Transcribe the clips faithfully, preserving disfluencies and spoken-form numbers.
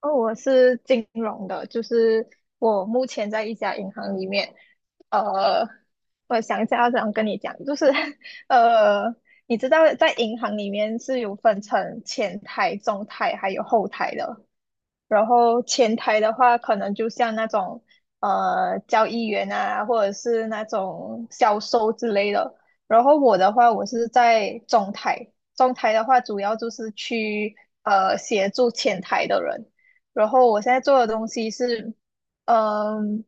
哦，我是金融的，就是我目前在一家银行里面。呃，我想一下要怎样跟你讲，就是 呃，你知道在银行里面是有分成前台、中台还有后台的。然后前台的话，可能就像那种呃交易员啊，或者是那种销售之类的。然后我的话，我是在中台。中台的话主要就是去呃协助前台的人。然后我现在做的东西是，嗯、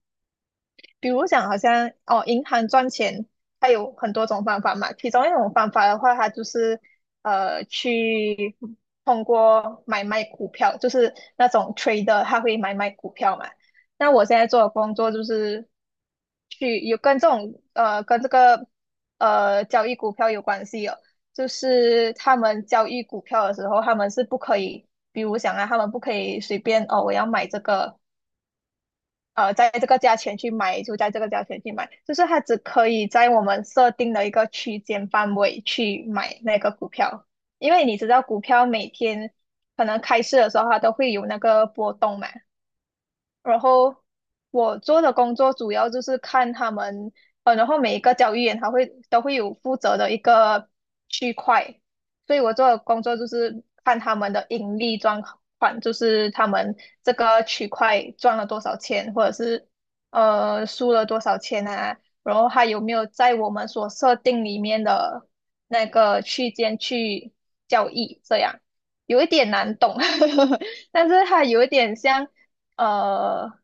比如讲，好像哦，银行赚钱，它有很多种方法嘛。其中一种方法的话，它就是呃，去通过买卖股票，就是那种 trader，他会买卖股票嘛。那我现在做的工作就是去有跟这种呃，跟这个呃交易股票有关系哦。就是他们交易股票的时候，他们是不可以，比如讲啊，他们不可以随便哦，我要买这个。呃，在这个价钱去买，就在这个价钱去买，就是它只可以在我们设定的一个区间范围去买那个股票，因为你知道股票每天可能开市的时候它都会有那个波动嘛。然后我做的工作主要就是看他们，呃，然后每一个交易员他会都会有负责的一个区块，所以我做的工作就是看他们的盈利状况，就是他们这个区块赚了多少钱，或者是呃输了多少钱啊，然后还有没有在我们所设定里面的那个区间去交易，这样有一点难懂。但是它有一点像。呃，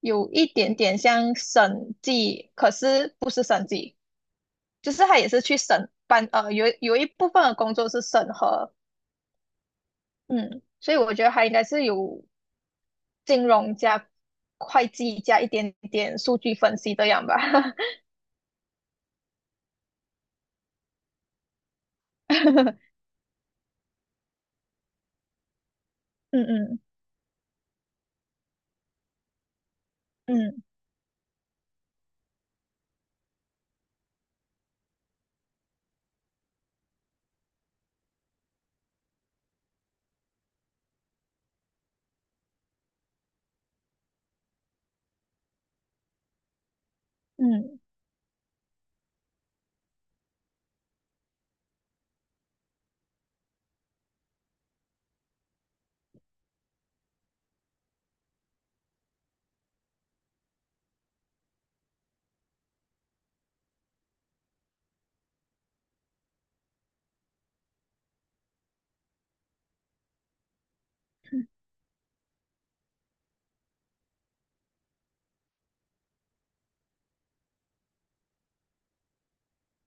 有一点点像审计，可是不是审计，就是他也是去审办，呃，有有一部分的工作是审核。嗯，所以我觉得他应该是有金融加会计加一点点数据分析这样吧。嗯嗯嗯嗯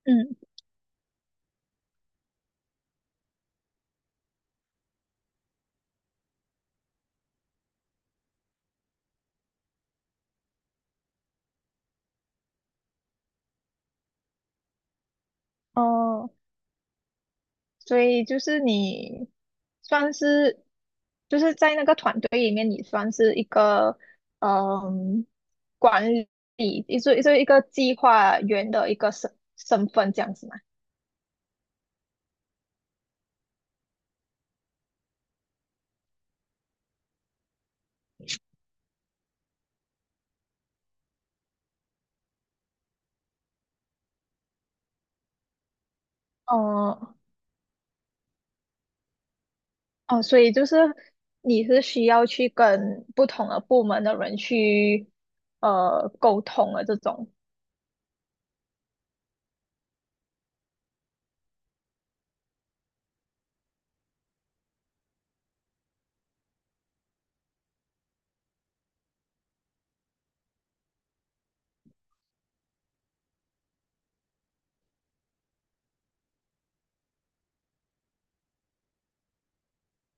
嗯。哦，所以就是你算是就是在那个团队里面，你算是一个嗯管理，一就就一个计划员的一个身身份这样子嘛。哦哦，所以就是你是需要去跟不同的部门的人去呃沟通的这种。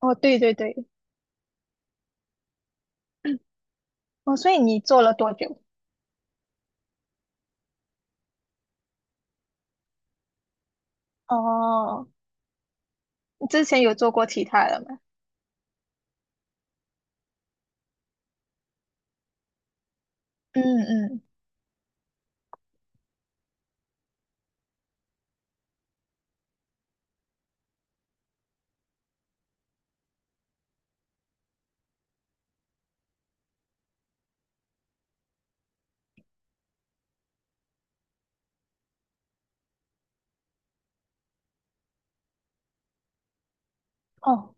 哦，对对对。哦，所以你做了多久？哦，你之前有做过其他的吗？嗯嗯。哦。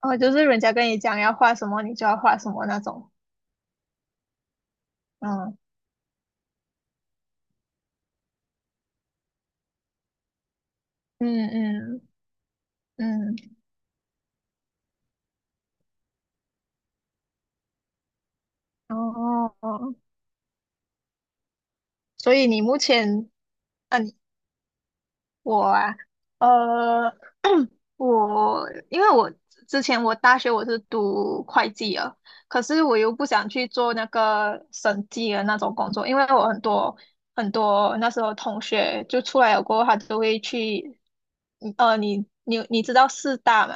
哦，就是人家跟你讲要画什么，你就要画什么那种。嗯嗯嗯嗯。哦，哦。所以你目前，嗯，你我啊，呃，我因为我之前我大学我是读会计啊，可是我又不想去做那个审计的那种工作，因为我很多很多那时候同学就出来了过后，他都会去，嗯呃，你你你知道四大吗？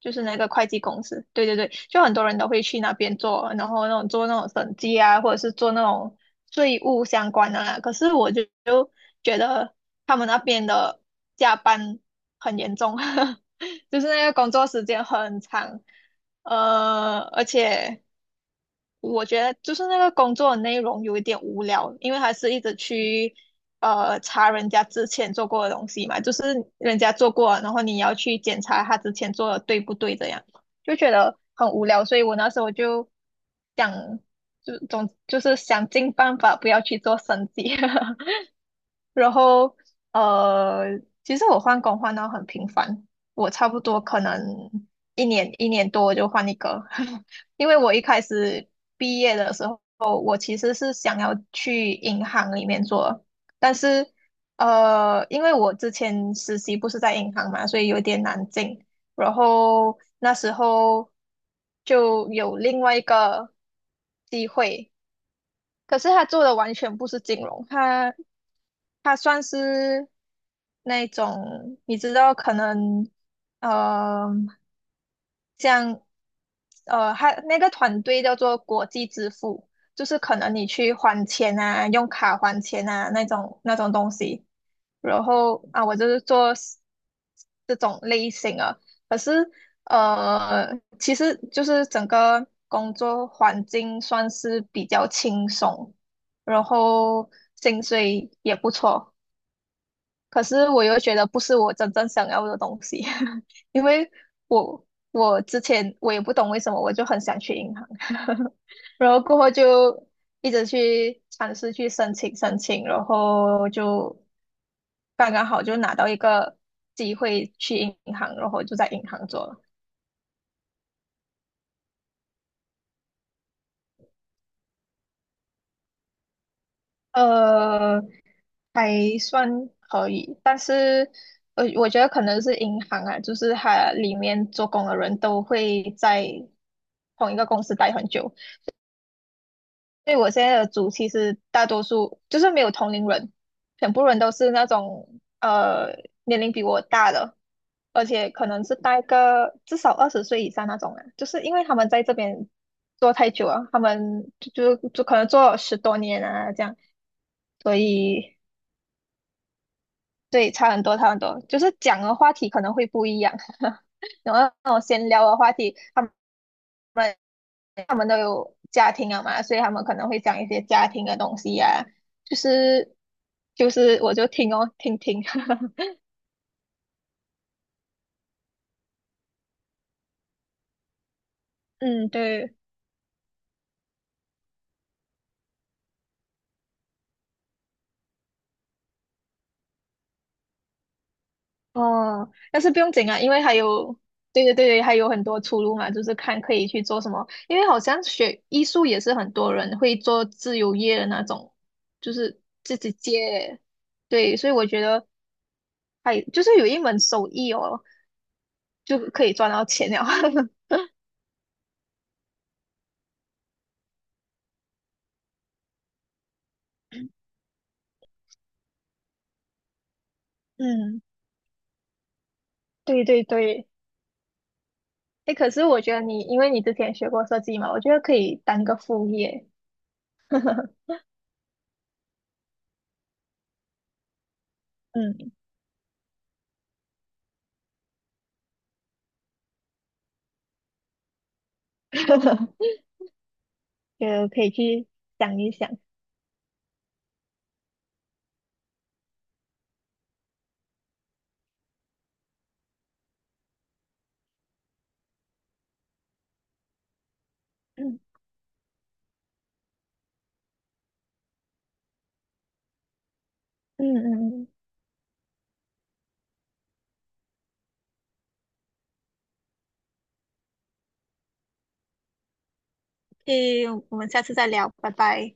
就是那个会计公司，对对对，就很多人都会去那边做，然后那种做那种审计啊，或者是做那种税务相关的啦。可是我就就觉得他们那边的加班很严重，就是那个工作时间很长。呃，而且我觉得就是那个工作的内容有一点无聊，因为他是一直去呃查人家之前做过的东西嘛，就是人家做过，然后你要去检查他之前做的对不对，这样就觉得很无聊，所以我那时候就想，就总就是想尽办法不要去做审计。然后呃，其实我换工换到很频繁，我差不多可能一年一年多就换一个。因为我一开始毕业的时候，我其实是想要去银行里面做，但是呃，因为我之前实习不是在银行嘛，所以有点难进，然后那时候就有另外一个机会。可是他做的完全不是金融，他它算是那种你知道，可能呃，像呃，它那个团队叫做国际支付，就是可能你去还钱啊，用卡还钱啊那种那种东西。然后啊，我就是做 s- 这种类型啊。可是呃，其实就是整个工作环境算是比较轻松，然后薪水也不错。可是我又觉得不是我真正想要的东西。因为我我之前我也不懂为什么我就很想去银行，然后过后就一直去尝试去申请申请，然后就刚刚好就拿到一个机会去银行，然后就在银行做了。呃，还算可以，但是呃，我觉得可能是银行啊，就是它里面做工的人都会在同一个公司待很久，所以我现在的组其实大多数就是没有同龄人，全部人都是那种呃年龄比我大的，而且可能是待个至少二十岁以上那种啊，就是因为他们在这边做太久了，他们就就就可能做了十多年啊这样，所以。对，差很多，差很多，就是讲的话题可能会不一样。然后那种闲聊的话题，他们他们都有家庭了嘛，所以他们可能会讲一些家庭的东西呀、啊就是就是我就听哦，听听。嗯，对。哦，但是不用紧啊，因为还有，对对对，还有很多出路嘛，就是看可以去做什么，因为好像学艺术也是很多人会做自由业的那种，就是自己接。对，所以我觉得。还就是有一门手艺哦，就可以赚到钱了。嗯，对对对。哎，可是我觉得你，因为你之前学过设计嘛，我觉得可以当个副业。嗯。觉可以去想一想。嗯嗯嗯。嗯，诶，我们下次再聊，拜拜。